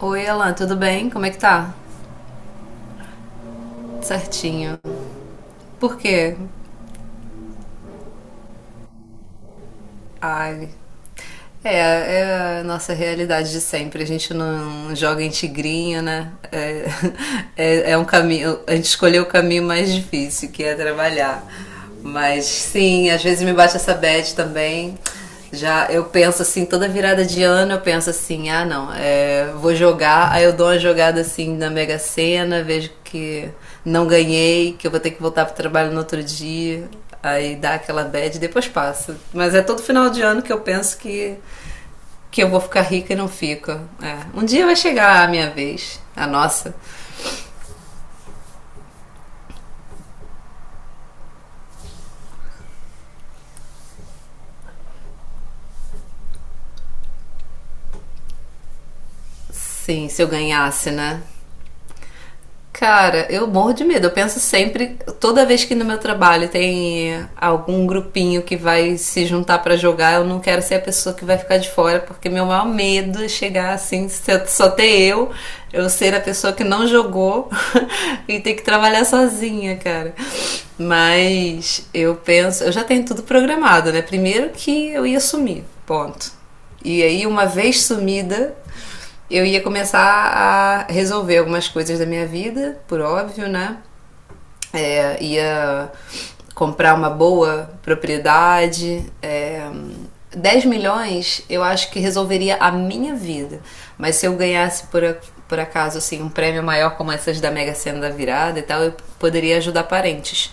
Oi, Alan, tudo bem? Como é que tá? Certinho. Por quê? Ai. É a nossa realidade de sempre. A gente não joga em tigrinho, né? É, é um caminho. A gente escolheu o caminho mais difícil, que é trabalhar. Mas sim, às vezes me bate essa bad também. Já eu penso assim, toda virada de ano eu penso assim, ah não, vou jogar, aí eu dou uma jogada assim na Mega Sena, vejo que não ganhei, que eu vou ter que voltar pro trabalho no outro dia, aí dá aquela bad e depois passa. Mas é todo final de ano que eu penso que eu vou ficar rica e não fico. É, um dia vai chegar a minha vez, a nossa. Sim, se eu ganhasse, né? Cara, eu morro de medo. Eu penso sempre, toda vez que no meu trabalho tem algum grupinho que vai se juntar pra jogar, eu não quero ser a pessoa que vai ficar de fora, porque meu maior medo é chegar assim, só ter eu ser a pessoa que não jogou e ter que trabalhar sozinha, cara. Mas eu penso, eu já tenho tudo programado, né? Primeiro que eu ia sumir, ponto. E aí, uma vez sumida, eu ia começar a resolver algumas coisas da minha vida, por óbvio, né? Ia comprar uma boa propriedade. É, 10 milhões eu acho que resolveria a minha vida. Mas se eu ganhasse por acaso assim, um prêmio maior como essas da Mega Sena da Virada e tal, eu poderia ajudar parentes.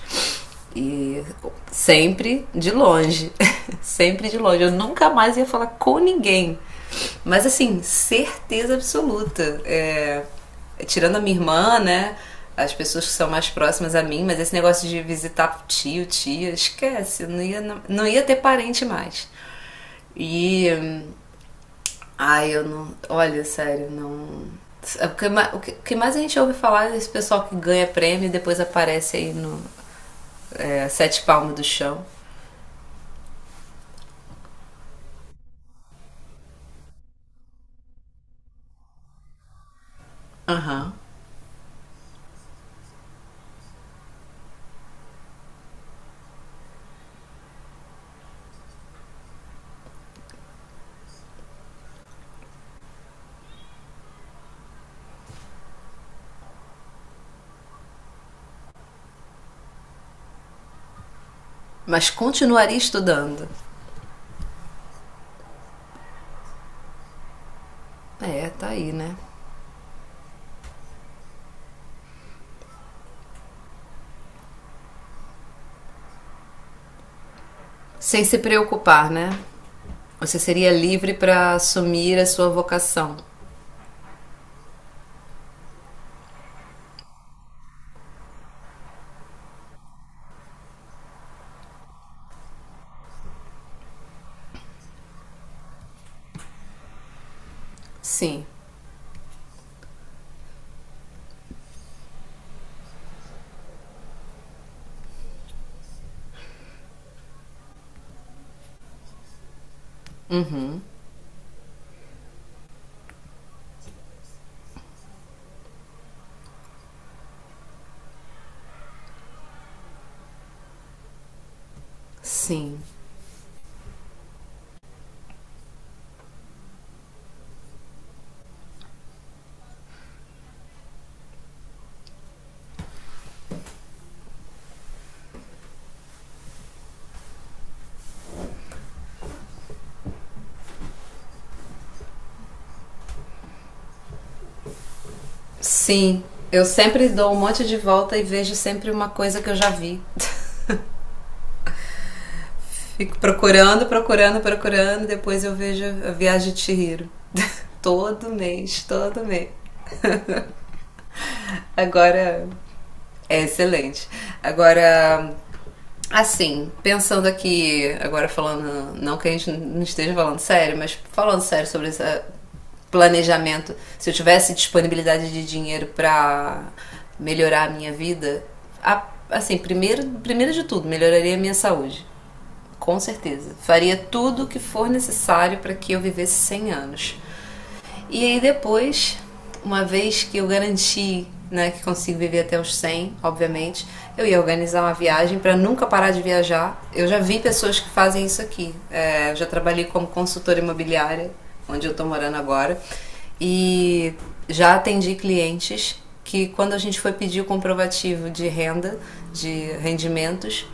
E sempre de longe. Sempre de longe. Eu nunca mais ia falar com ninguém. Mas assim, certeza absoluta. É, tirando a minha irmã, né? As pessoas que são mais próximas a mim, mas esse negócio de visitar tio, tia, esquece, não ia, não, não ia ter parente mais. E. Ai, eu não. Olha, sério, não. O que, o que mais a gente ouve falar é desse pessoal que ganha prêmio e depois aparece aí no Sete Palmos do Chão. Aham. Mas continuaria estudando. É, tá aí, né? Sem se preocupar, né? Você seria livre para assumir a sua vocação. Sim. Sim. Sim. Eu sempre dou um monte de volta e vejo sempre uma coisa que eu já vi. Fico procurando, procurando, procurando, depois eu vejo a Viagem de Chihiro. Todo mês, todo mês. Agora. É excelente. Agora, assim, pensando aqui, agora falando, não que a gente não esteja falando sério, mas falando sério sobre esse planejamento, se eu tivesse disponibilidade de dinheiro para melhorar a minha vida, assim, primeiro de tudo, melhoraria a minha saúde. Com certeza. Faria tudo o que for necessário para que eu vivesse 100 anos. E aí depois, uma vez que eu garanti né, que consigo viver até os 100 obviamente, eu ia organizar uma viagem para nunca parar de viajar. Eu já vi pessoas que fazem isso aqui. É, eu já trabalhei como consultora imobiliária, onde eu estou morando agora, e já atendi clientes que quando a gente foi pedir o comprovativo de renda, de rendimentos,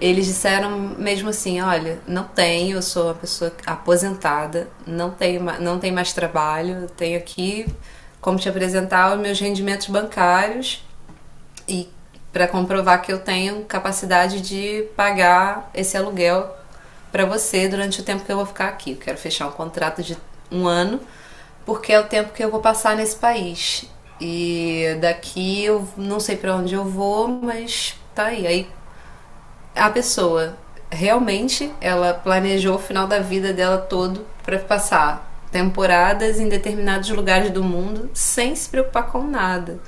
eles disseram mesmo assim, olha, não tenho, eu sou uma pessoa aposentada, não tenho, mais trabalho, tenho aqui como te apresentar os meus rendimentos bancários e para comprovar que eu tenho capacidade de pagar esse aluguel para você durante o tempo que eu vou ficar aqui. Eu quero fechar um contrato de um ano, porque é o tempo que eu vou passar nesse país. E daqui eu não sei para onde eu vou, mas tá aí. Aí a pessoa realmente ela planejou o final da vida dela todo para passar temporadas em determinados lugares do mundo sem se preocupar com nada.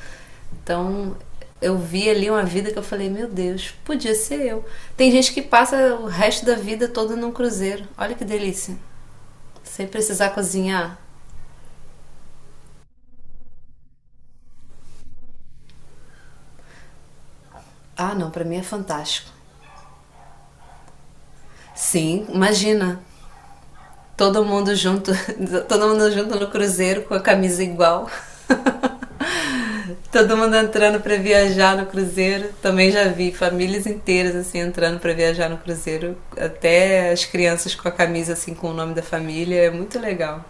Então, eu vi ali uma vida que eu falei, meu Deus, podia ser eu. Tem gente que passa o resto da vida toda num cruzeiro. Olha que delícia. Sem precisar cozinhar. Ah, não, para mim é fantástico. Sim, imagina. Todo mundo junto, todo mundo junto no cruzeiro com a camisa igual. Todo mundo entrando para viajar no cruzeiro. Também já vi famílias inteiras assim entrando para viajar no cruzeiro, até as crianças com a camisa assim com o nome da família, é muito legal.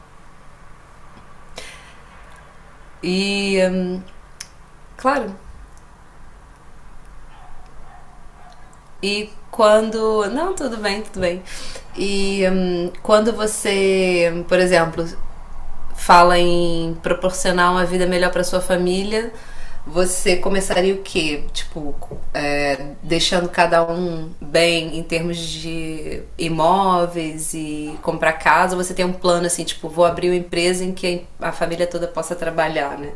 E claro, e quando. Não, tudo bem, tudo bem. E quando você, por exemplo, fala em proporcionar uma vida melhor para sua família, você começaria o quê? Tipo, é, deixando cada um bem em termos de imóveis e comprar casa? Ou você tem um plano assim, tipo, vou abrir uma empresa em que a família toda possa trabalhar, né?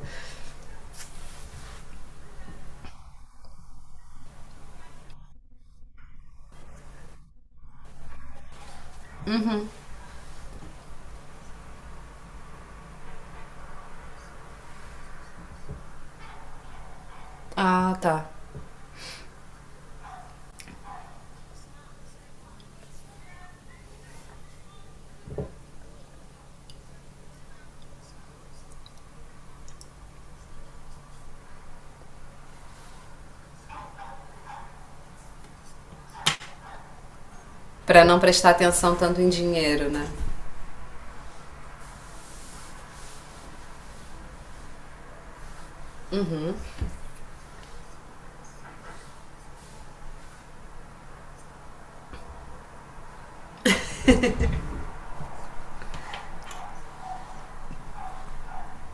Ah, tá. Para não prestar atenção tanto em dinheiro, né?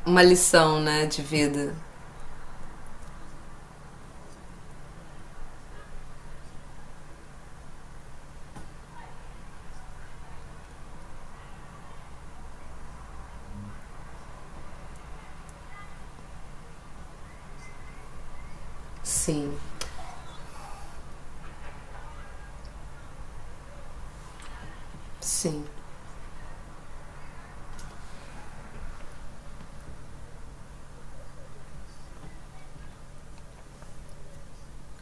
Uma lição, né, de vida. Sim, sim.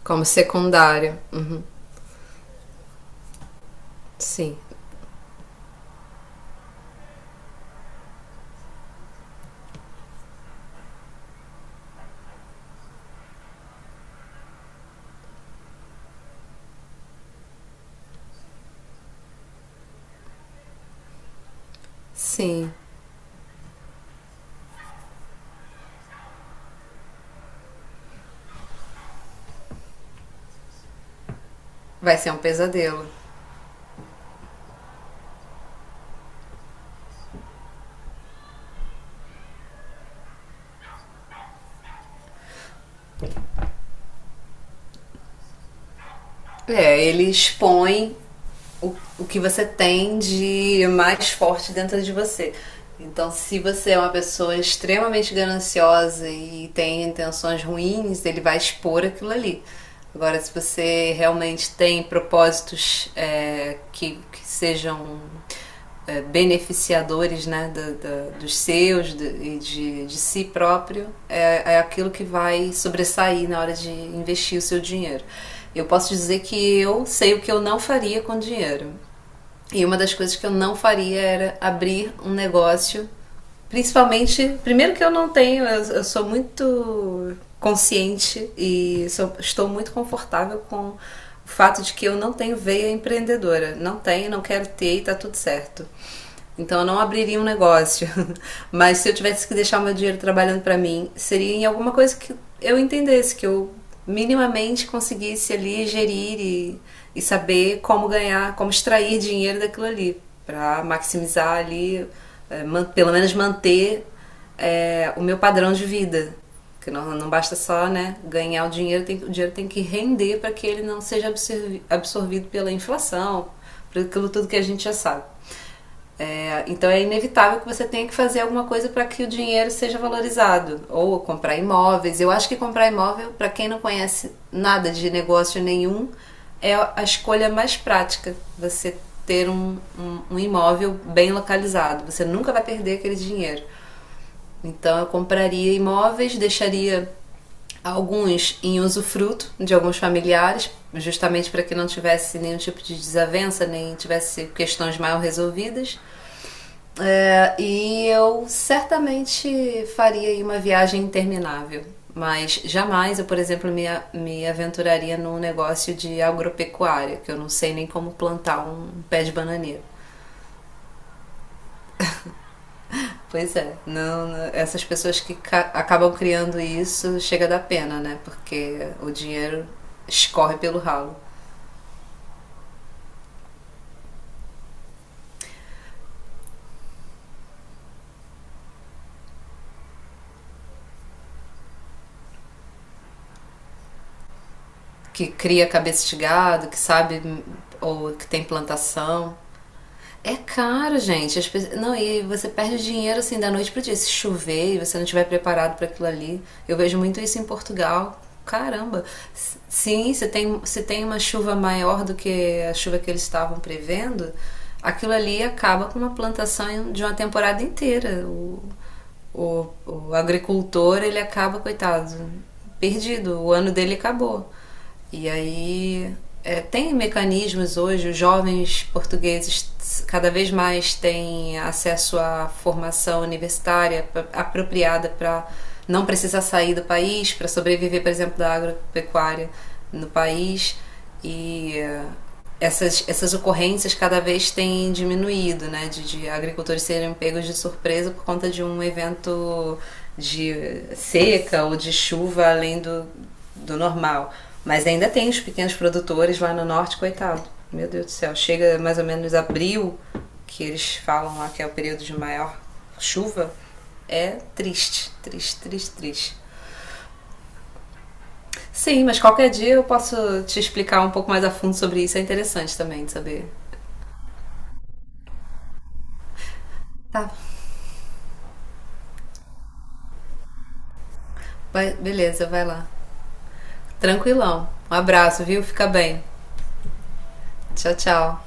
Como secundária. Uhum. Sim, sim. Vai ser um pesadelo. É, ele expõe o que você tem de mais forte dentro de você. Então, se você é uma pessoa extremamente gananciosa e tem intenções ruins, ele vai expor aquilo ali. Agora, se você realmente tem propósitos que sejam beneficiadores né, dos seus e de, si próprio, é aquilo que vai sobressair na hora de investir o seu dinheiro. Eu posso dizer que eu sei o que eu não faria com dinheiro. E uma das coisas que eu não faria era abrir um negócio, principalmente, primeiro que eu não tenho, eu sou muito consciente e estou muito confortável com o fato de que eu não tenho veia empreendedora, não tenho, não quero ter e tá tudo certo. Então eu não abriria um negócio, mas se eu tivesse que deixar o meu dinheiro trabalhando para mim, seria em alguma coisa que eu entendesse que eu minimamente conseguisse ali gerir e saber como ganhar, como extrair dinheiro daquilo ali, para maximizar ali, pelo menos manter o meu padrão de vida. Que não, não basta só né, ganhar o dinheiro, o dinheiro tem que render para que ele não seja absorvido pela inflação, por aquilo tudo que a gente já sabe. É, então é inevitável que você tenha que fazer alguma coisa para que o dinheiro seja valorizado, ou comprar imóveis. Eu acho que comprar imóvel, para quem não conhece nada de negócio nenhum, é a escolha mais prática. Você ter um imóvel bem localizado, você nunca vai perder aquele dinheiro. Então eu compraria imóveis, deixaria alguns em usufruto de alguns familiares, justamente para que não tivesse nenhum tipo de desavença, nem tivesse questões mal resolvidas. É, e eu certamente faria aí uma viagem interminável. Mas jamais eu, por exemplo, me aventuraria num negócio de agropecuária, que eu não sei nem como plantar um pé de bananeira. Pois é, não, essas pessoas que acabam criando isso chega da pena, né? Porque o dinheiro escorre pelo ralo. Que cria cabeça de gado, que sabe ou que tem plantação. É caro, gente. Não, e você perde dinheiro assim da noite pro dia. Se chover e você não estiver preparado para aquilo ali. Eu vejo muito isso em Portugal. Caramba. Sim, se tem, uma chuva maior do que a chuva que eles estavam prevendo, aquilo ali acaba com uma plantação de uma temporada inteira. O agricultor ele acaba, coitado, perdido, o ano dele acabou. E aí tem mecanismos hoje, os jovens portugueses cada vez mais têm acesso à formação universitária apropriada para não precisar sair do país, para sobreviver, por exemplo, da agropecuária no país. E essas ocorrências cada vez têm diminuído, né? De agricultores serem pegos de surpresa por conta de um evento de seca ou de chuva além do normal. Mas ainda tem os pequenos produtores lá no norte, coitado. Meu Deus do céu, chega mais ou menos abril, que eles falam lá que é o período de maior chuva. É triste, triste, triste, triste. Sim, mas qualquer dia eu posso te explicar um pouco mais a fundo sobre isso. É interessante também de saber. Tá, beleza, vai lá. Tranquilão. Um abraço, viu? Fica bem. Tchau, tchau.